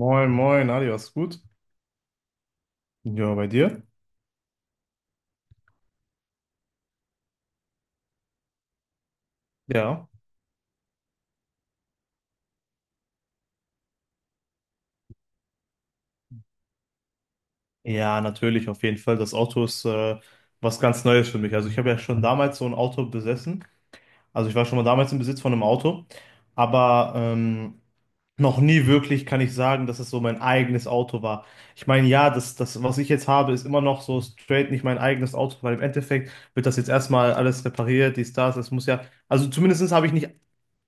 Moin, moin, Adi, was gut? Ja, bei dir? Ja. Ja, natürlich, auf jeden Fall. Das Auto ist was ganz Neues für mich. Also ich habe ja schon damals so ein Auto besessen. Also ich war schon mal damals im Besitz von einem Auto. Aber noch nie wirklich kann ich sagen, dass es so mein eigenes Auto war. Ich meine, ja, das, was ich jetzt habe, ist immer noch so straight nicht mein eigenes Auto, weil im Endeffekt wird das jetzt erstmal alles repariert, dies, das. Es muss ja, also zumindest habe ich nicht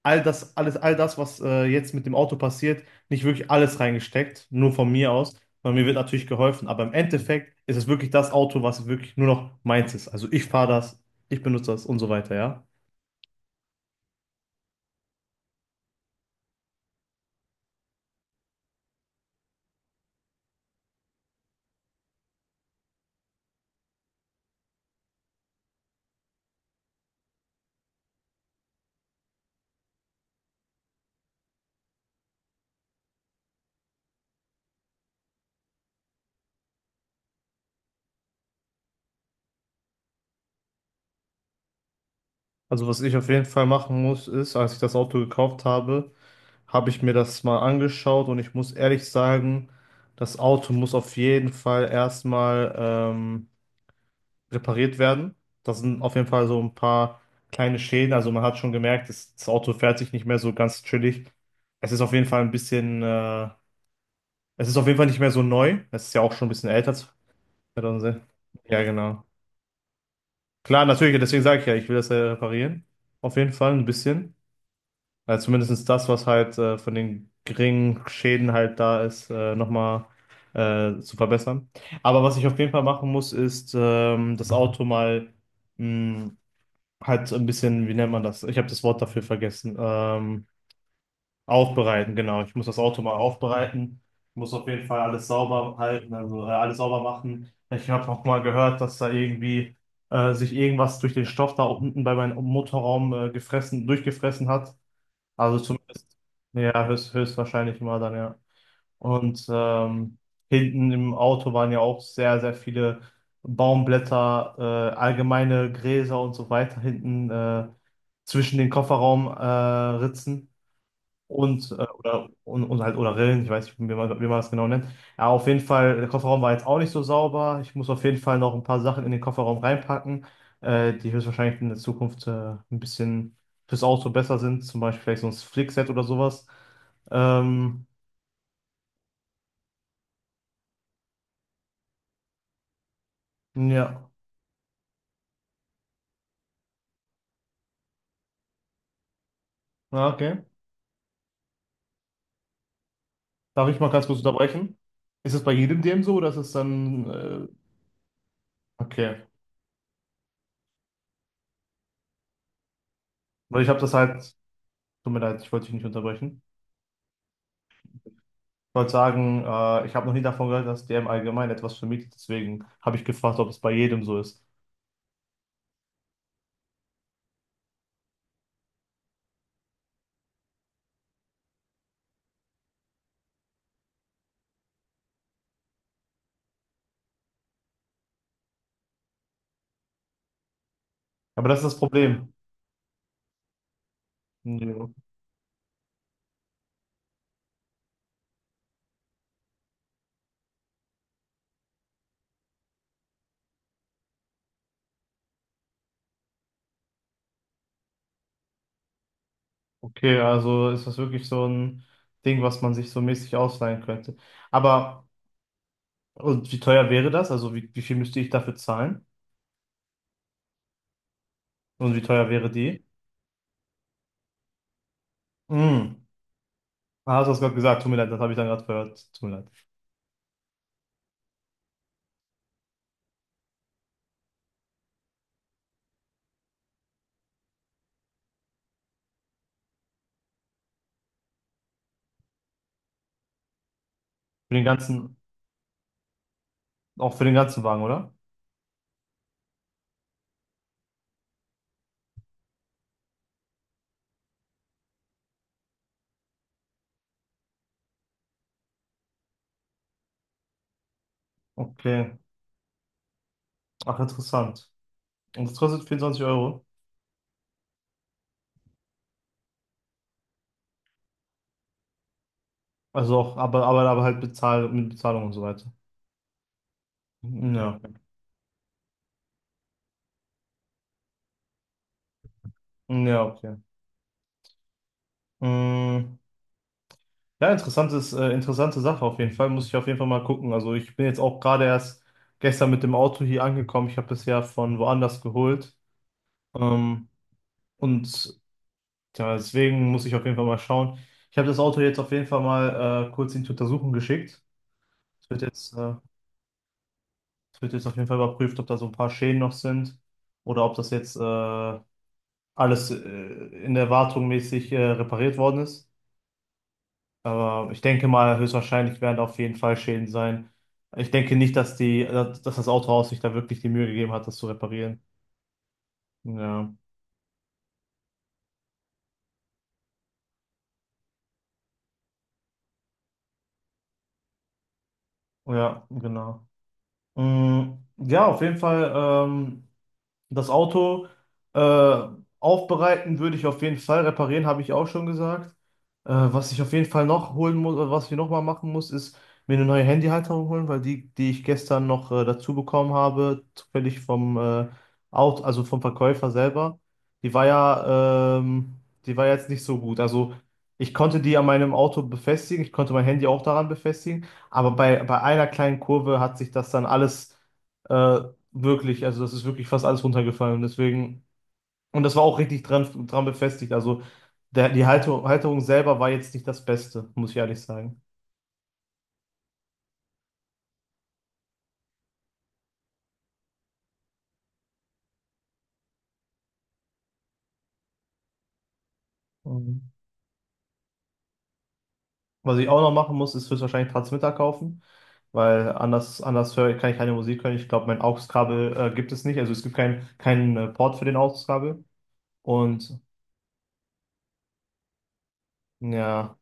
all das, alles, all das, was jetzt mit dem Auto passiert, nicht wirklich alles reingesteckt, nur von mir aus, weil mir wird natürlich geholfen, aber im Endeffekt ist es wirklich das Auto, was wirklich nur noch meins ist. Also ich fahre das, ich benutze das und so weiter, ja. Also was ich auf jeden Fall machen muss, ist, als ich das Auto gekauft habe, habe ich mir das mal angeschaut und ich muss ehrlich sagen, das Auto muss auf jeden Fall erstmal repariert werden. Das sind auf jeden Fall so ein paar kleine Schäden. Also man hat schon gemerkt, das Auto fährt sich nicht mehr so ganz chillig. Es ist auf jeden Fall ein bisschen, es ist auf jeden Fall nicht mehr so neu. Es ist ja auch schon ein bisschen älter. 2006. Ja, genau. Klar, natürlich, deswegen sage ich ja, ich will das ja reparieren. Auf jeden Fall ein bisschen. Also zumindest das, was halt von den geringen Schäden halt da ist, nochmal zu verbessern. Aber was ich auf jeden Fall machen muss, ist das Auto mal hm, halt so ein bisschen, wie nennt man das? Ich habe das Wort dafür vergessen. Aufbereiten, genau. Ich muss das Auto mal aufbereiten. Ich muss auf jeden Fall alles sauber halten, also alles sauber machen. Ich habe auch mal gehört, dass da irgendwie sich irgendwas durch den Stoff da unten bei meinem Motorraum gefressen, durchgefressen hat. Also zumindest, ja, höchstwahrscheinlich mal dann, ja. Und hinten im Auto waren ja auch sehr, sehr viele Baumblätter, allgemeine Gräser und so weiter hinten zwischen den Kofferraumritzen Ritzen und, oder, und halt oder Rillen, ich weiß nicht, wie man das genau nennt. Ja, auf jeden Fall, der Kofferraum war jetzt auch nicht so sauber. Ich muss auf jeden Fall noch ein paar Sachen in den Kofferraum reinpacken, die höchstwahrscheinlich in der Zukunft ein bisschen fürs Auto besser sind, zum Beispiel vielleicht so ein Flickset oder sowas. Ähm, ja, Ah, okay. Darf ich mal ganz kurz unterbrechen? Ist es bei jedem DM so oder ist es dann. Okay. Weil ich habe das halt. Tut mir leid, ich wollte dich nicht unterbrechen. Ich wollte sagen, ich habe noch nie davon gehört, dass DM allgemein etwas vermietet. Deswegen habe ich gefragt, ob es bei jedem so ist. Aber das ist das Problem. Ja. Okay, also ist das wirklich so ein Ding, was man sich so mäßig ausleihen könnte. Aber und wie teuer wäre das? Also wie viel müsste ich dafür zahlen? Und wie teuer wäre die? Mm. Ah, hast du das gerade gesagt? Tut mir leid, das habe ich dann gerade gehört. Tut mir leid. Für den ganzen. Auch für den ganzen Wagen, oder? Okay. Ach, interessant. Und das kostet 24€. Also auch, aber halt bezahlt mit Bezahlung und so weiter. Ja. Ja, okay. Mm, ja, interessante Sache auf jeden Fall. Muss ich auf jeden Fall mal gucken. Also ich bin jetzt auch gerade erst gestern mit dem Auto hier angekommen. Ich habe es ja von woanders geholt. Ähm, und ja, deswegen muss ich auf jeden Fall mal schauen. Ich habe das Auto jetzt auf jeden Fall mal kurz in die Untersuchung geschickt. Es wird jetzt äh, Es wird jetzt auf jeden Fall überprüft, ob da so ein paar Schäden noch sind oder ob das jetzt alles in der Wartung mäßig repariert worden ist. Aber ich denke mal, höchstwahrscheinlich werden da auf jeden Fall Schäden sein. Ich denke nicht, dass das Autohaus sich da wirklich die Mühe gegeben hat, das zu reparieren. Ja, ja, genau. Mm, ja, auf jeden Fall. Ähm, Das Auto äh, aufbereiten würde ich auf jeden Fall. Reparieren habe ich auch schon gesagt. Was ich auf jeden Fall noch holen muss, oder was wir noch mal machen muss, ist mir eine neue Handyhalterung holen, weil die, die ich gestern noch dazu bekommen habe, zufällig vom Auto, also vom Verkäufer selber, die war ja, die war jetzt nicht so gut. Also ich konnte die an meinem Auto befestigen, ich konnte mein Handy auch daran befestigen, aber bei einer kleinen Kurve hat sich das dann alles äh, wirklich, also das ist wirklich fast alles runtergefallen. Deswegen, und das war auch richtig dran befestigt. Also die Halterung selber war jetzt nicht das Beste, muss ich ehrlich sagen. Mhm. Was ich auch noch machen muss, ist höchstwahrscheinlich Transmitter kaufen, weil anders höre, kann ich keine Musik hören. Ich glaube, mein AUX-Kabel gibt es nicht. Also es gibt keinen Port für den AUX-Kabel. Und ja,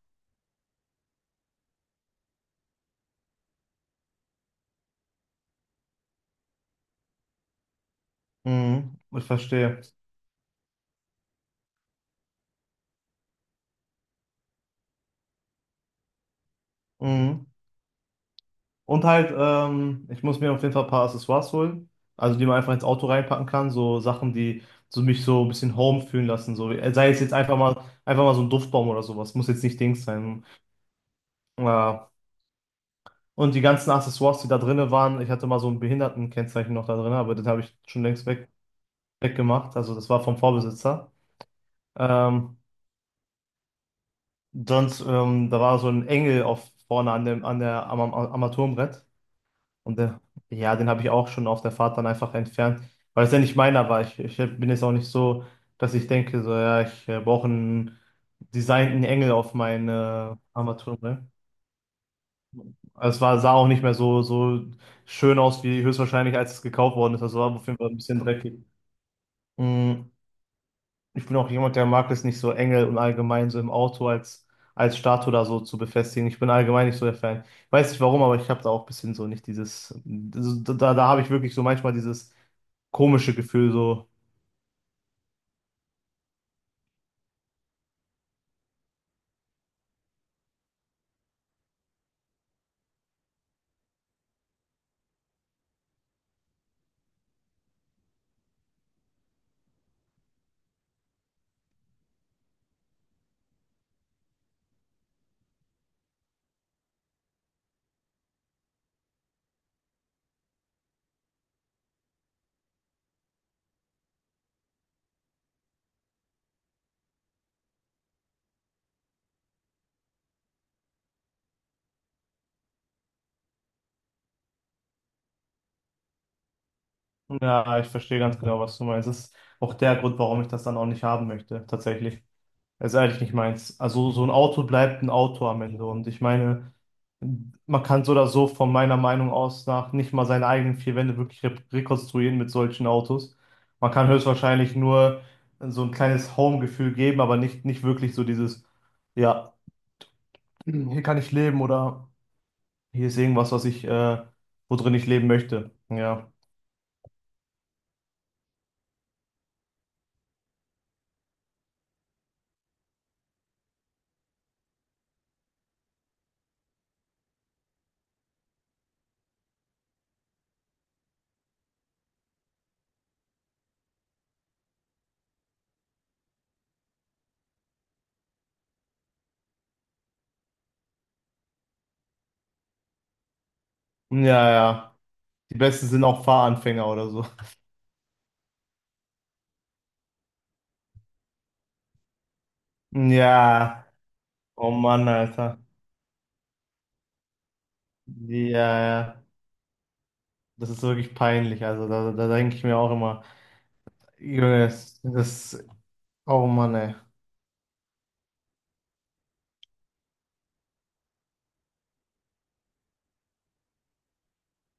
mhm, ich verstehe. Mhm. Und halt, ich muss mir auf jeden Fall ein paar Accessoires holen, also die man einfach ins Auto reinpacken kann, so Sachen, die so mich so ein bisschen home fühlen lassen, so sei es jetzt einfach mal so ein Duftbaum oder sowas, muss jetzt nicht Dings sein. Ja. Und die ganzen Accessoires, die da drinne waren, ich hatte mal so ein Behindertenkennzeichen noch da drin, aber das habe ich schon weggemacht, also das war vom Vorbesitzer. Ähm, sonst, da war so ein Engel auf vorne an dem an der am, am Armaturenbrett. Und ja, den habe ich auch schon auf der Fahrt dann einfach entfernt, weil es ja nicht meiner war. Ich bin jetzt auch nicht so, dass ich denke, so, ja, ich brauche einen designten Engel auf meine Armatur. Ne? Also es war, sah auch nicht mehr so schön aus, wie höchstwahrscheinlich, als es gekauft worden ist. Also war auf jeden Fall ein bisschen dreckig. Mm, ich bin auch jemand, der mag es nicht so enge und allgemein so im Auto als Statue da so zu befestigen. Ich bin allgemein nicht so der Fan. Ich weiß nicht warum, aber ich habe da auch ein bisschen so nicht dieses, so, da habe ich wirklich so manchmal dieses komische Gefühl so. Ja, ich verstehe ganz genau, was du meinst. Das ist auch der Grund, warum ich das dann auch nicht haben möchte, tatsächlich. Das ist eigentlich nicht meins. Also so ein Auto bleibt ein Auto am Ende. Und ich meine, man kann so oder so von meiner Meinung aus nach nicht mal seine eigenen vier Wände wirklich re rekonstruieren mit solchen Autos. Man kann höchstwahrscheinlich nur so ein kleines Home-Gefühl geben, aber nicht wirklich so dieses, ja, hier kann ich leben oder hier ist irgendwas, was ich, worin ich leben möchte. Ja. Ja, ja. Die besten sind auch Fahranfänger oder so. Ja. Oh Mann, Alter. Ja, ja. Das ist wirklich peinlich. Also da denke ich mir auch immer, Junge, oh Mann, ey.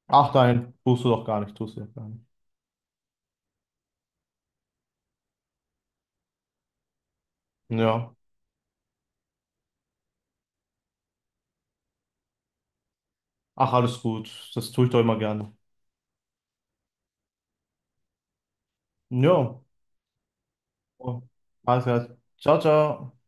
Ach nein, tust du doch gar nicht, tust du doch gar nicht. Ja. Ach, alles gut. Das tue ich doch immer gerne. Ja. Alles klar. Ciao, ciao.